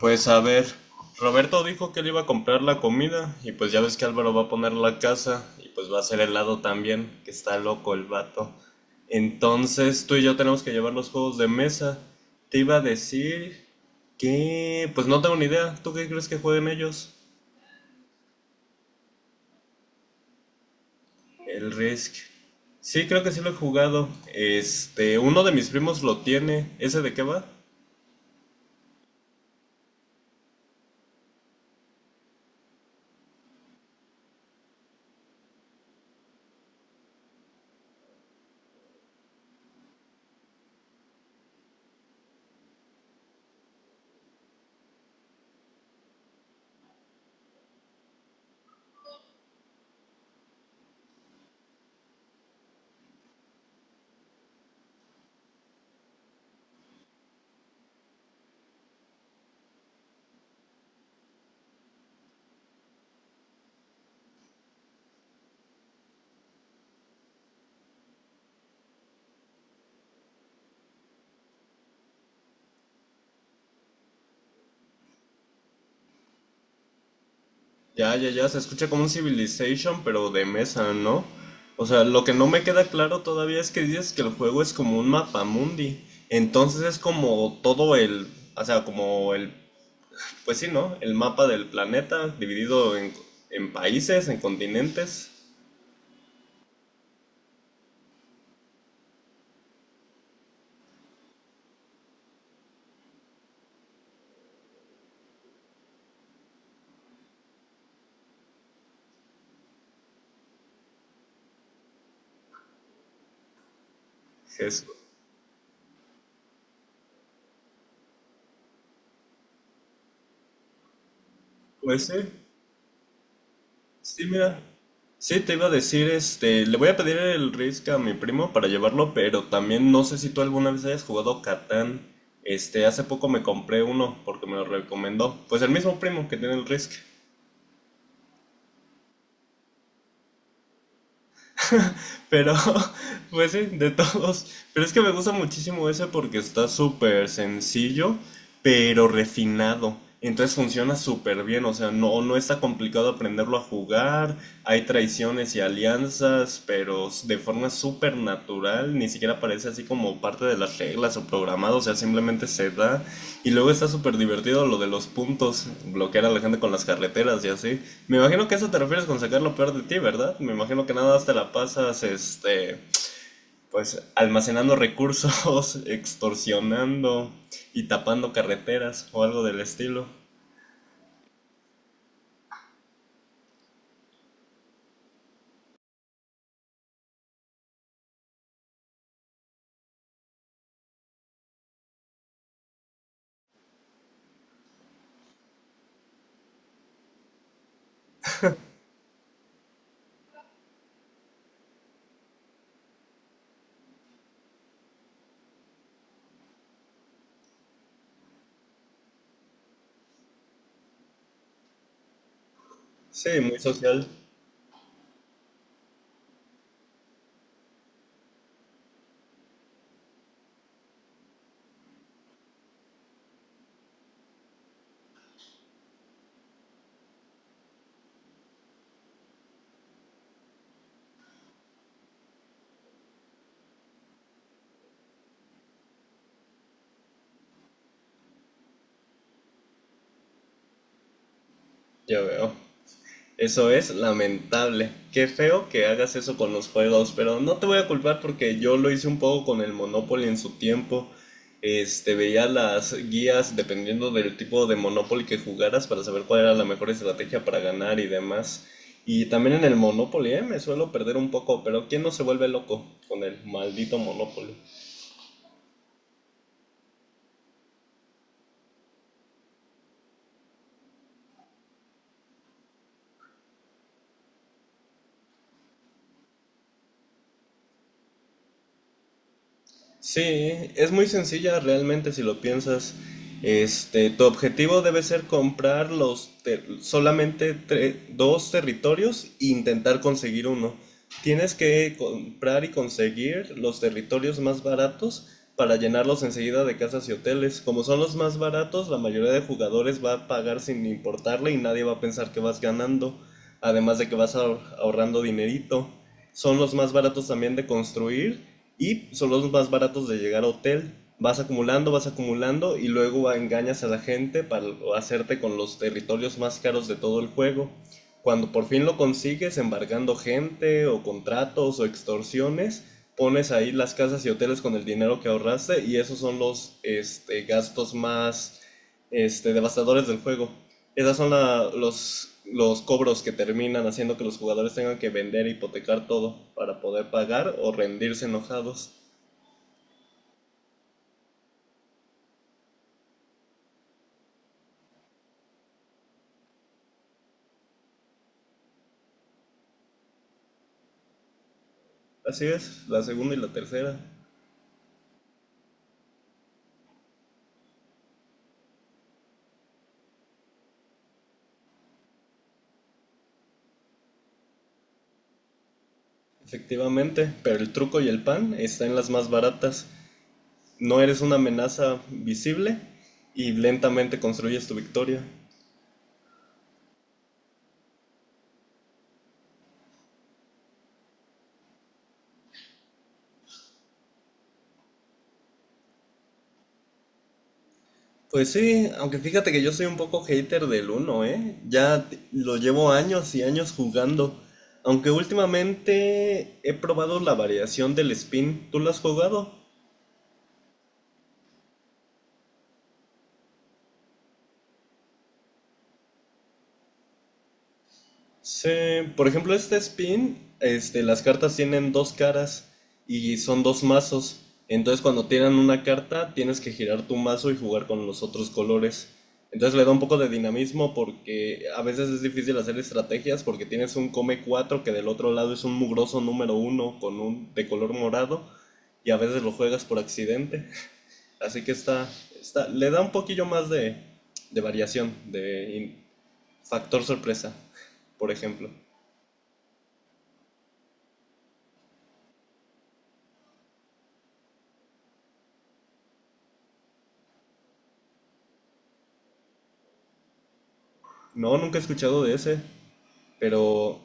Pues a ver, Roberto dijo que él iba a comprar la comida y pues ya ves que Álvaro va a poner la casa y pues va a hacer helado también, que está loco el vato. Entonces tú y yo tenemos que llevar los juegos de mesa. Te iba a decir que... Pues no tengo ni idea, ¿tú qué crees que jueguen ellos? El Risk. Sí, creo que sí lo he jugado. Este, uno de mis primos lo tiene. ¿Ese de qué va? Ya, ya, ya, se escucha como un Civilization, pero de mesa, ¿no? O sea, lo que no me queda claro todavía es que dices que el juego es como un mapamundi. Entonces es como todo el, o sea, como el, pues sí, ¿no? El mapa del planeta dividido en países, en continentes. Jesús. Pues sí. Sí, mira. Sí, te iba a decir, este, le voy a pedir el Risk a mi primo para llevarlo, pero también no sé si tú alguna vez hayas jugado Catán. Este, hace poco me compré uno porque me lo recomendó. Pues el mismo primo que tiene el Risk. Pero, pues sí, de todos. Pero es que me gusta muchísimo ese porque está súper sencillo, pero refinado. Entonces funciona súper bien, o sea, no está complicado aprenderlo a jugar, hay traiciones y alianzas, pero de forma súper natural, ni siquiera parece así como parte de las reglas o programado, o sea, simplemente se da y luego está súper divertido lo de los puntos, bloquear a la gente con las carreteras y así. Me imagino que eso te refieres con sacar lo peor de ti, ¿verdad? Me imagino que nada más te la pasas, este, pues almacenando recursos, extorsionando y tapando carreteras o algo del estilo. Sí, muy social, ya veo. Eso es lamentable. Qué feo que hagas eso con los juegos, pero no te voy a culpar porque yo lo hice un poco con el Monopoly en su tiempo. Este, veía las guías dependiendo del tipo de Monopoly que jugaras para saber cuál era la mejor estrategia para ganar y demás. Y también en el Monopoly, me suelo perder un poco, pero ¿quién no se vuelve loco con el maldito Monopoly? Sí, es muy sencilla realmente si lo piensas. Este, tu objetivo debe ser comprar solamente dos territorios e intentar conseguir uno. Tienes que comprar y conseguir los territorios más baratos para llenarlos enseguida de casas y hoteles. Como son los más baratos, la mayoría de jugadores va a pagar sin importarle y nadie va a pensar que vas ganando, además de que ahorrando dinerito. Son los más baratos también de construir y son los más baratos de llegar a hotel. Vas acumulando y luego engañas a la gente para hacerte con los territorios más caros de todo el juego. Cuando por fin lo consigues, embargando gente o contratos o extorsiones, pones ahí las casas y hoteles con el dinero que ahorraste y esos son los gastos más devastadores del juego. Esos son los cobros que terminan haciendo que los jugadores tengan que vender e hipotecar todo para poder pagar o rendirse enojados. Así es, la segunda y la tercera. Efectivamente, pero el truco y el pan están en las más baratas. No eres una amenaza visible y lentamente construyes tu victoria. Pues sí, aunque fíjate que yo soy un poco hater del uno, ¿eh? Lo llevo años y años jugando. Aunque últimamente he probado la variación del spin. ¿Tú lo has jugado? Sí, por ejemplo, este spin, las cartas tienen dos caras y son dos mazos. Entonces, cuando tiran una carta, tienes que girar tu mazo y jugar con los otros colores. Entonces, le da un poco de dinamismo porque a veces es difícil hacer estrategias porque tienes un come 4 que del otro lado es un mugroso número uno con un de color morado y a veces lo juegas por accidente. Así que está, le da un poquillo más de variación, factor sorpresa, por ejemplo. No, nunca he escuchado de ese, pero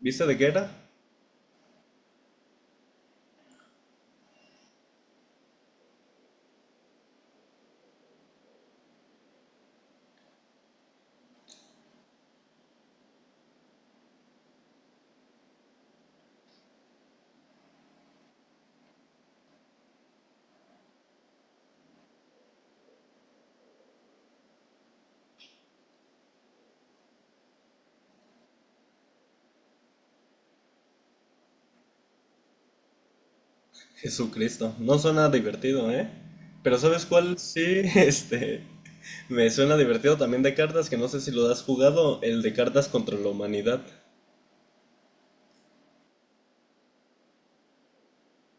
¿viste de qué era? Jesucristo. No suena divertido, ¿eh? Pero ¿sabes cuál? Sí, me suena divertido también de cartas, que no sé si lo has jugado, el de cartas contra la humanidad.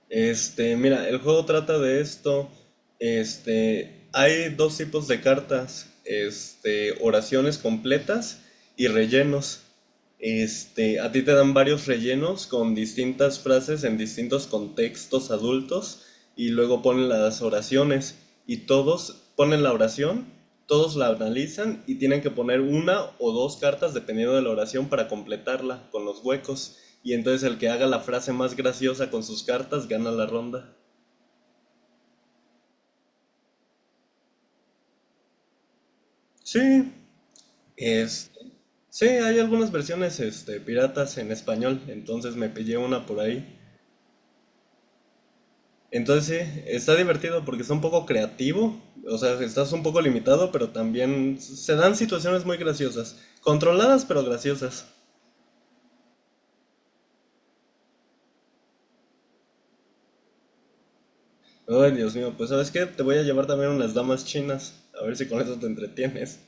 Este, mira, el juego trata de esto. Este, hay dos tipos de cartas. Este, oraciones completas y rellenos. Este, a ti te dan varios rellenos con distintas frases en distintos contextos adultos y luego ponen las oraciones y todos ponen la oración, todos la analizan y tienen que poner una o dos cartas dependiendo de la oración para completarla con los huecos. Y entonces el que haga la frase más graciosa con sus cartas gana la ronda. Sí, es, sí, hay algunas versiones este, piratas en español, entonces me pillé una por ahí. Entonces sí, está divertido porque es un poco creativo, o sea, estás un poco limitado, pero también se dan situaciones muy graciosas, controladas pero graciosas. Ay, Dios mío, pues ¿sabes qué? Te voy a llevar también unas damas chinas, a ver si con eso te entretienes.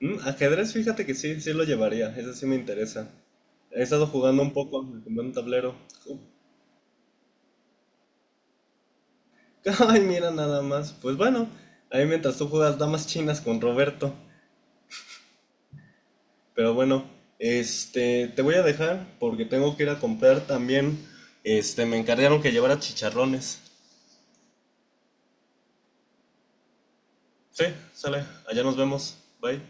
Mm, ajedrez, fíjate que sí, sí lo llevaría, eso sí me interesa. He estado jugando un poco, me compré un tablero. Ju- Ay, mira nada más. Pues bueno, ahí mientras tú juegas damas chinas con Roberto. Pero bueno, te voy a dejar porque tengo que ir a comprar también. Este, me encargaron que llevara chicharrones. Sí, sale, allá nos vemos. Bye.